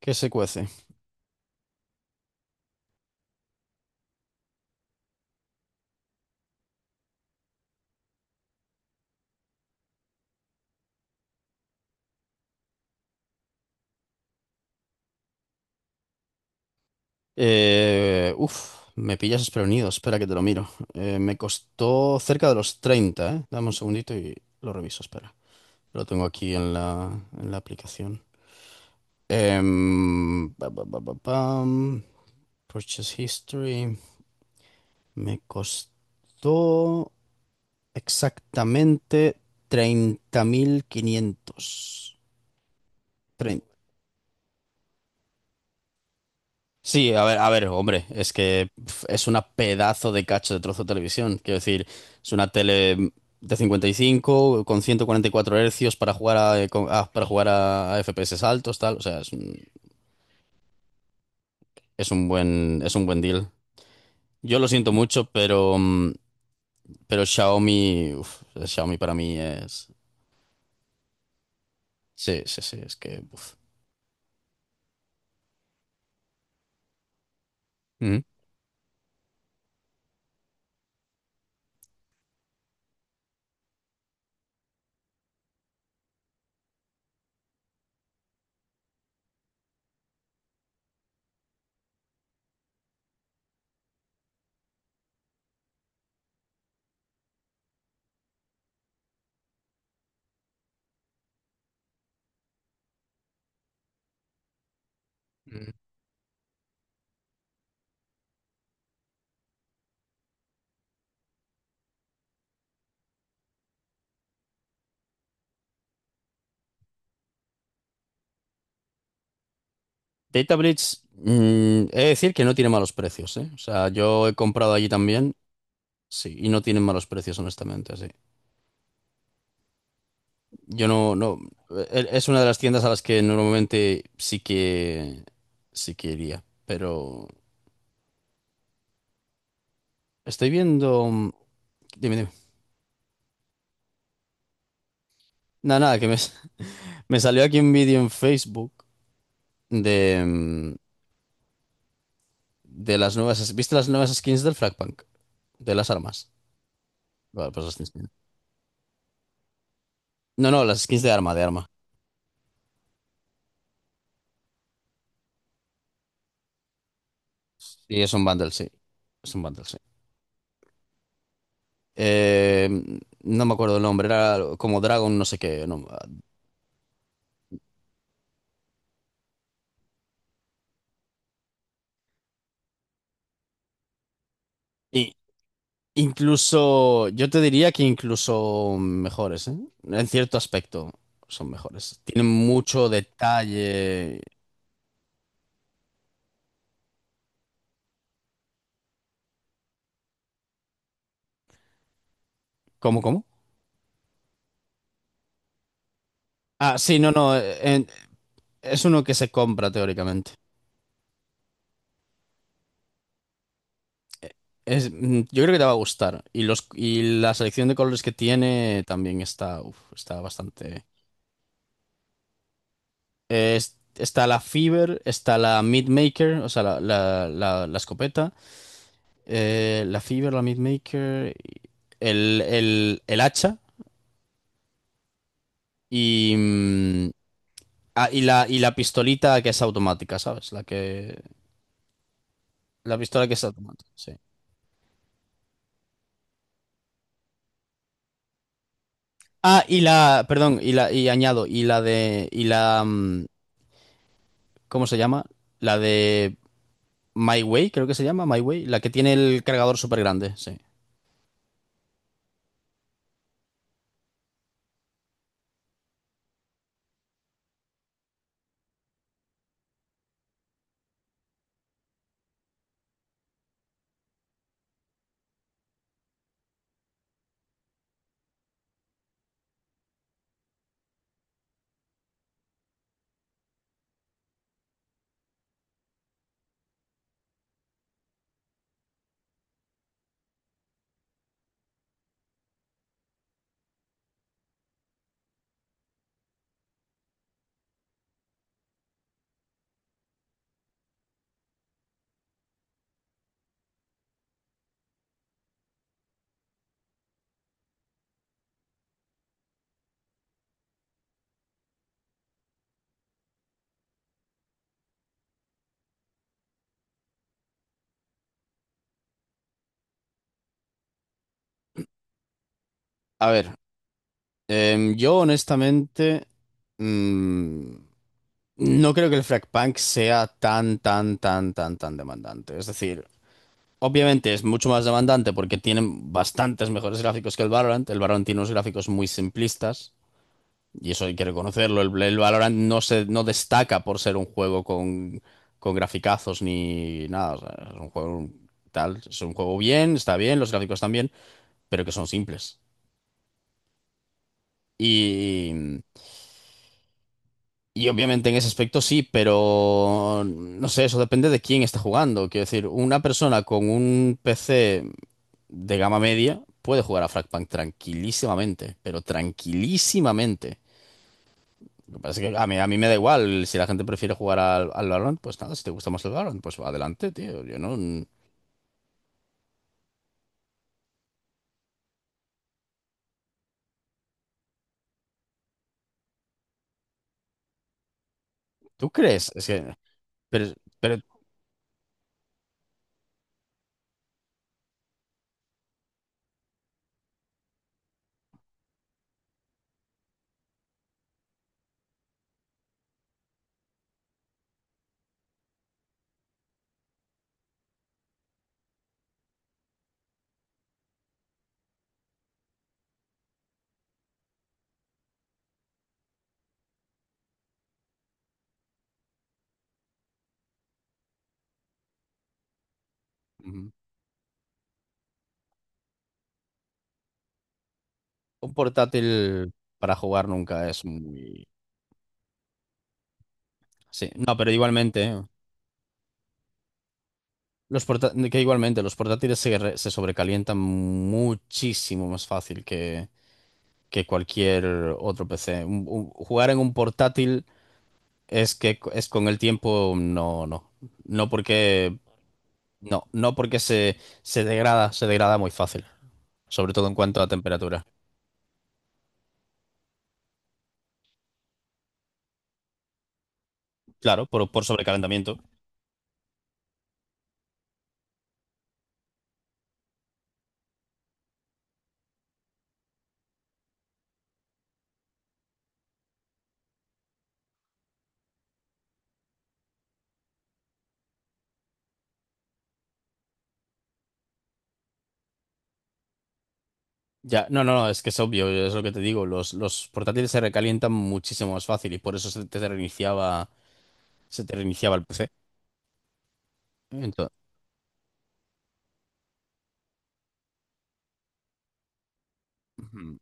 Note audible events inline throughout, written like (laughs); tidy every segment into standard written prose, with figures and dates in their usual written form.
¿Qué se cuece? Me pillas desprevenido. Espera que te lo miro. Me costó cerca de los 30. ¿Eh? Dame un segundito y lo reviso. Espera. Lo tengo aquí en la aplicación. Em, pa, pa, pa, pa, pam. Purchase history. Me costó exactamente 30.500. Sí, a ver, hombre, es que pf, es una pedazo de cacho de trozo de televisión. Quiero decir, es una tele de 55 con 144 Hz para jugar a, para jugar a FPS altos, tal. O sea, es un buen deal. Yo lo siento mucho, pero, mm, pero Xiaomi, uf, Xiaomi para mí es, sí, sí, sí, es que, uf. Ujú. Ujú. DataBridge, mm, he de decir que no tiene malos precios, ¿eh? O sea, yo he comprado allí también, sí, y no tienen malos precios, honestamente, sí. Yo no, no, e- e, es una de las tiendas a las que normalmente sí que iría, pero estoy viendo, mm, dime, dime. Nada, nada, que me, (laughs) me salió aquí un vídeo en Facebook de, mm, de las nuevas, ¿viste las nuevas skins del Fragpunk? De las armas. Vale, pues las skins. No, no, las skins de arma, de arma. Sí, es un bundle, sí. Es un bundle, sí. Eh, no me acuerdo el nombre, era como Dragon, no sé qué. Incluso, yo te diría que incluso mejores, ¿eh? En cierto aspecto son mejores. Tienen mucho detalle. ¿Cómo, cómo? Ah, sí, no, no. Es uno que se compra teóricamente. Es, mm, yo creo que te va a gustar. Y los, y la selección de colores que tiene también está, uf, está bastante. Está la Fever, está la Mid Maker, o sea, la escopeta. La Fever, la Mid Maker, el hacha. Y, mm, y la pistolita que es automática, ¿sabes? La pistola que es automática, sí. Ah, y la, perdón, y añado, y la, mm, ¿cómo se llama? La de My Way, creo que se llama, My Way, la que tiene el cargador súper grande, sí. A ver, yo honestamente, mm, no creo que el Frag Punk sea tan, tan, tan, tan, tan demandante. Es decir, obviamente es mucho más demandante porque tienen bastantes mejores gráficos que el Valorant. El Valorant tiene unos gráficos muy simplistas y eso hay que reconocerlo. El Valorant no destaca por ser un juego con graficazos ni nada. O sea, es un juego tal, es un juego bien, está bien, los gráficos están bien, pero que son simples. Y, y obviamente en ese aspecto sí, pero no sé, eso depende de quién está jugando. Quiero decir, una persona con un PC de gama media puede jugar a Frostpunk tranquilísimamente, pero tranquilísimamente. Lo que pasa es que a mí me da igual. Si la gente prefiere jugar al, al Valorant, pues nada, si te gusta más el Valorant, pues adelante, tío. Yo no. ¿Tú crees? Es que. Pero, pero mm, un portátil para jugar nunca es muy. Sí. No, pero igualmente. ¿Eh? Que igualmente, los portátiles se sobrecalientan muchísimo más fácil que cualquier otro PC. Jugar en un portátil es que es con el tiempo, no, no. No porque, no, no porque se, se degrada muy fácil, sobre todo en cuanto a temperatura. Claro, por sobrecalentamiento. Ya, no, no, no, es que es obvio, es lo que te digo, los portátiles se recalientan muchísimo más fácil y por eso se te reiniciaba el PC. Entonces, ujú,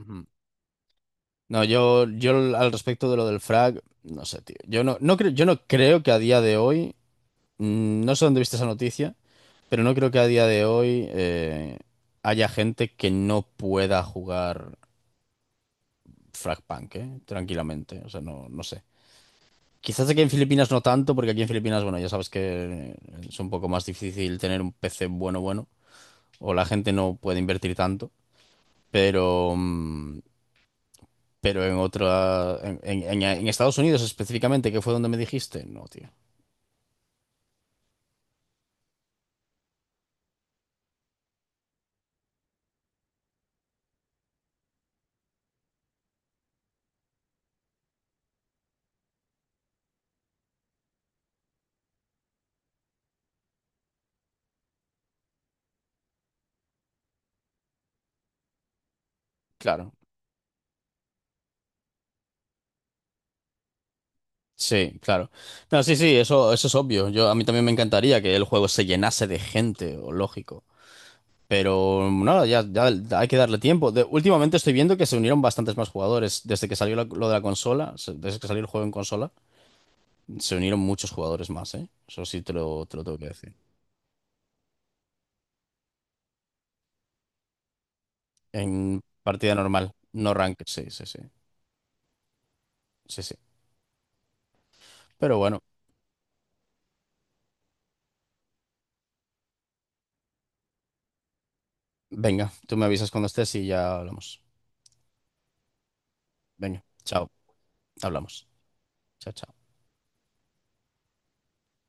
ujú. No, yo al respecto de lo del frag, no sé, tío. Yo no creo que a día de hoy. Mm, no sé dónde viste esa noticia, pero no creo que a día de hoy haya gente que no pueda jugar Fragpunk, ¿eh? Tranquilamente. O sea, no, no sé. Quizás aquí en Filipinas no tanto, porque aquí en Filipinas, bueno, ya sabes que es un poco más difícil tener un PC bueno, o la gente no puede invertir tanto, pero, mm, pero en otra, en Estados Unidos específicamente, que fue donde me dijiste, no, tío. Claro. Sí, claro. No, sí, sí, eso es obvio. Yo, a mí también me encantaría que el juego se llenase de gente, o lógico. Pero nada, ya, ya hay que darle tiempo. Últimamente estoy viendo que se unieron bastantes más jugadores. Desde que salió la- Lo de la consola, desde que salió el juego en consola, se unieron muchos jugadores más, ¿eh? Eso sí te lo tengo que decir. En partida normal, no ranked, sí, sí, sí. Sí, sí. Pero bueno, venga, tú me avisas cuando estés y ya hablamos. Venga, chao, hablamos. Chao, chao.